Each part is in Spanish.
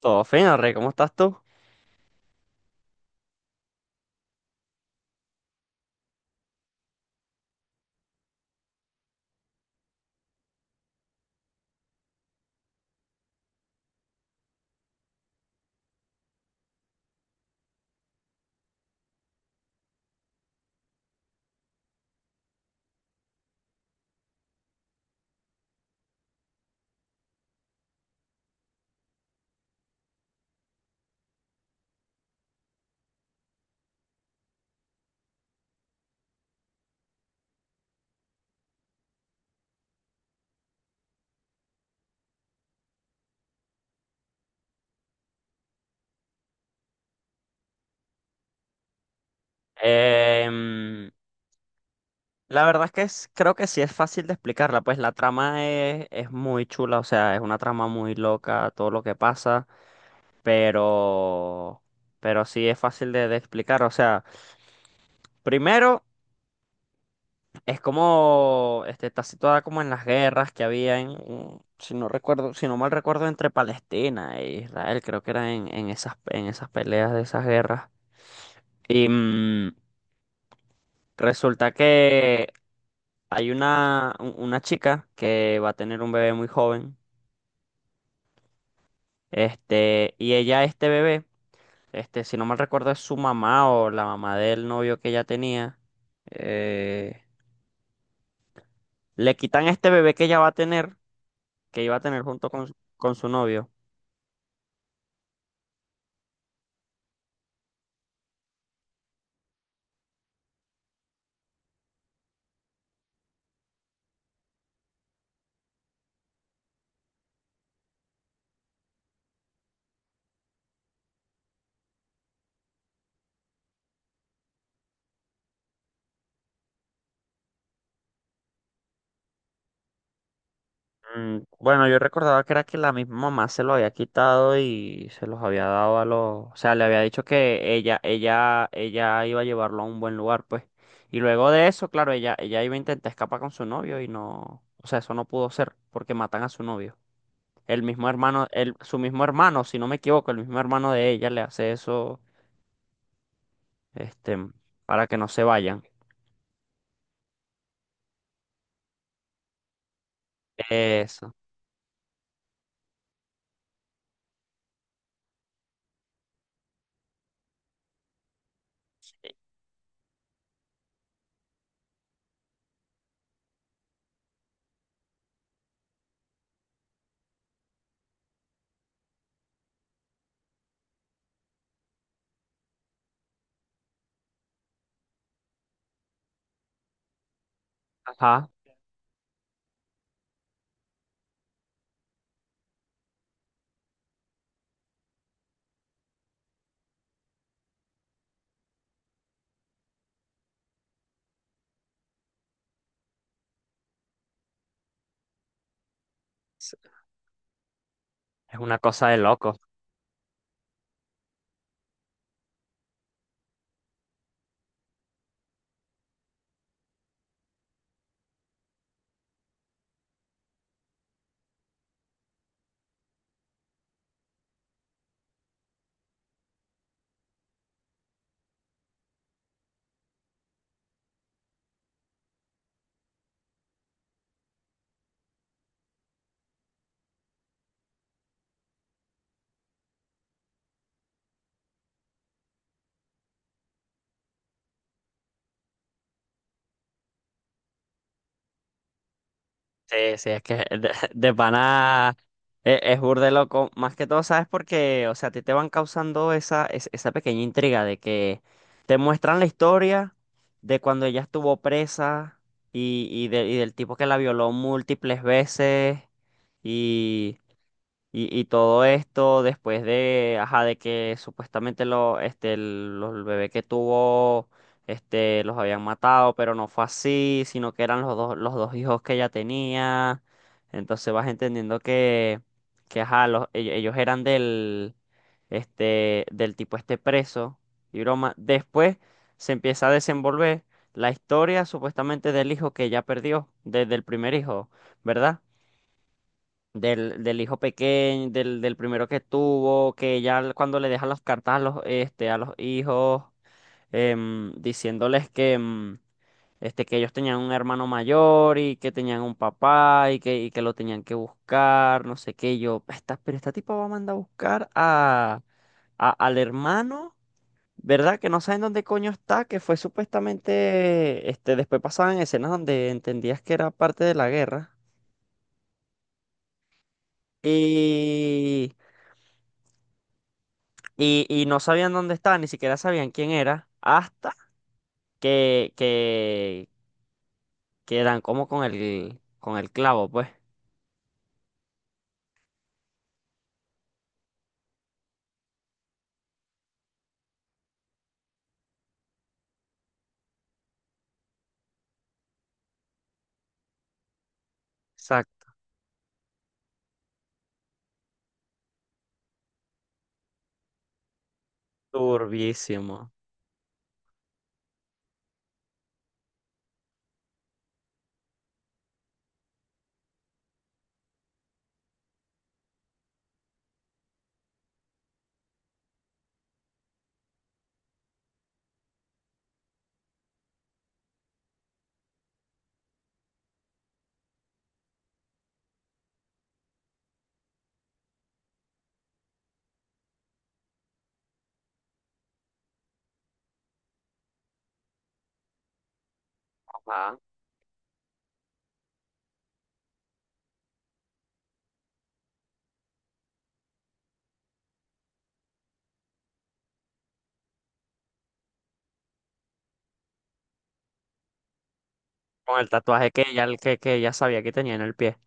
Todo fino, Rey, ¿cómo estás tú? Em, la verdad es que creo que sí es fácil de explicarla, pues la trama es muy chula, o sea, es una trama muy loca, todo lo que pasa, pero, pero sí es fácil de explicar, o sea, primero es como, este, está situada como en las guerras que había si no recuerdo, si no mal recuerdo, entre Palestina e Israel, creo que era en esas peleas de esas guerras. Y resulta que hay una chica que va a tener un bebé muy joven, este, y ella, este bebé, este, si no mal recuerdo, es su mamá o la mamá del novio que ella tenía, eh, le quitan este bebé que ella va a tener, que iba a tener junto con su novio. Mm, bueno, yo recordaba que era que la misma mamá se lo había quitado y se los había dado a los, o sea, le había dicho que ella iba a llevarlo a un buen lugar, pues. Y luego de eso, claro, ella iba a intentar escapar con su novio y no, o sea, eso no pudo ser porque matan a su novio. El mismo hermano, su mismo hermano, si no me equivoco, el mismo hermano de ella le hace eso, este, para que no se vayan. Eso. Ajá. Es es una cosa de loco. Sí, sí, es que de, de pana es burde loco. Más que todo, ¿sabes? Porque, o sea, a ti te van causando esa, esa pequeña intriga de que te muestran la historia de cuando ella estuvo presa y del tipo que la violó múltiples veces. Y todo esto después de, ajá, de que supuestamente lo, este, el, los- el bebé que tuvo, este, los habían matado, pero no fue así, sino que eran los dos hijos que ella tenía. Entonces vas entendiendo que ajá, ellos eran del, este, del tipo este preso y broma. Después se empieza a desenvolver la historia supuestamente del hijo que ella perdió, desde el primer hijo, ¿verdad? Del hijo pequeño, del primero que tuvo, que ya cuando le dejan las cartas a los, este, a los hijos, em, diciéndoles que, em, este, que ellos tenían un hermano mayor y que tenían un papá y que lo tenían que buscar, no sé qué, y yo, esta, pero esta tipa va a mandar a buscar al hermano. ¿Verdad? Que no saben dónde coño está, que fue supuestamente, este, después pasaban escenas donde entendías que era parte de la guerra. Y, y y no sabían dónde estaba, ni siquiera sabían quién era, hasta que, que, que dan como con con el clavo, pues. Exacto. Turbísimo. Ajá. Con el tatuaje que ella, que ella sabía que tenía en el pie.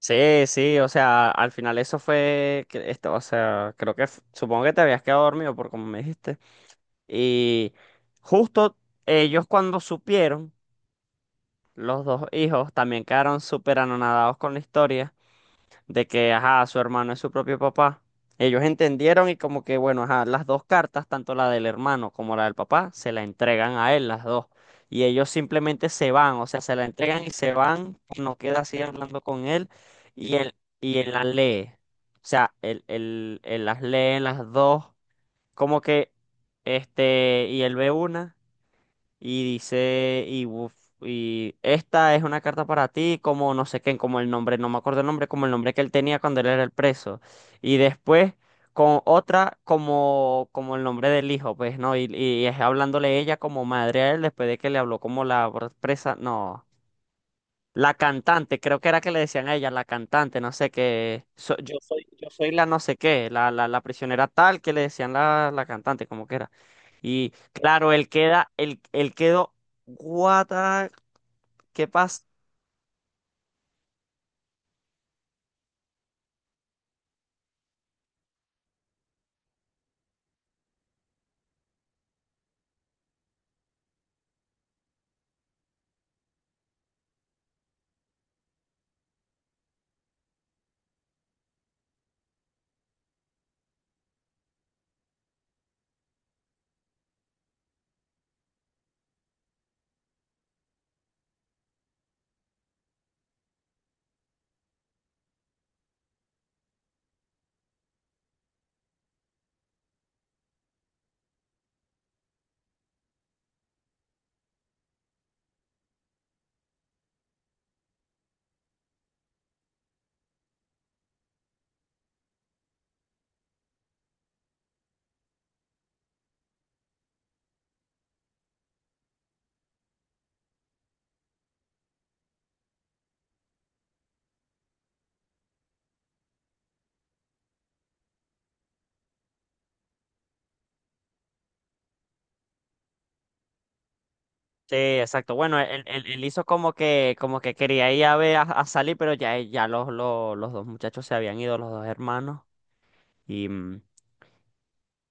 Sí, sí, o sea, al final eso fue, que esto, o sea, creo que, f- supongo que te habías quedado dormido por como me dijiste. Y justo ellos cuando supieron, los dos hijos también quedaron súper anonadados con la historia. De que, ajá, su hermano es su propio papá. Ellos entendieron y como que, bueno, ajá, las dos cartas, tanto la del hermano como la del papá, se la entregan a él, las dos. Y ellos simplemente se van, o sea, se la entregan y se van, no queda así hablando con él y él, y él las lee. O sea, él las lee las dos, como que, este, y él ve una. Y dice, y, uf, y esta es una carta para ti, como no sé qué, como el nombre, no me acuerdo el nombre, como el nombre que él tenía cuando él era el preso. Y después con otra como, como el nombre del hijo, pues, ¿no? Y es hablándole ella como madre a él después de que le habló como la presa. No. La cantante, creo que era que le decían a ella, la cantante, no sé qué. Yo soy, yo soy la no sé qué, la prisionera tal que le decían la cantante, como que era. Y claro, él queda, él quedó, what ¿qué pasa? Sí, exacto. Bueno, él hizo como que quería ir a ver a salir, pero ya los dos muchachos se habían ido, los dos hermanos.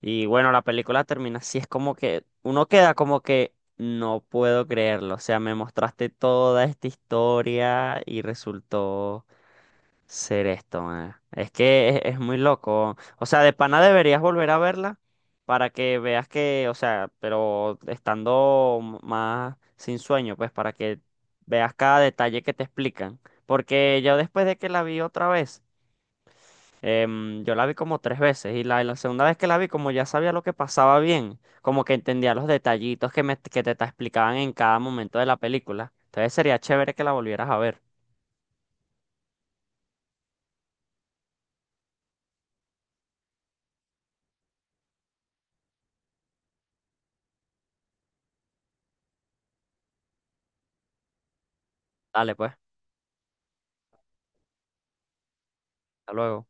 Y bueno, la película termina así, es como que uno queda como que no puedo creerlo, o sea, me mostraste toda esta historia y resultó ser esto, man. Es que es muy loco, o sea, de pana deberías volver a verla para que veas que, o sea, pero estando más sin sueño, pues para que veas cada detalle que te explican, porque yo después de que la vi otra vez em, yo la vi como tres veces y la segunda vez que la vi, como ya sabía lo que pasaba bien, como que entendía los detallitos que, te explicaban en cada momento de la película. Entonces sería chévere que la volvieras a ver. Dale, pues, hasta luego.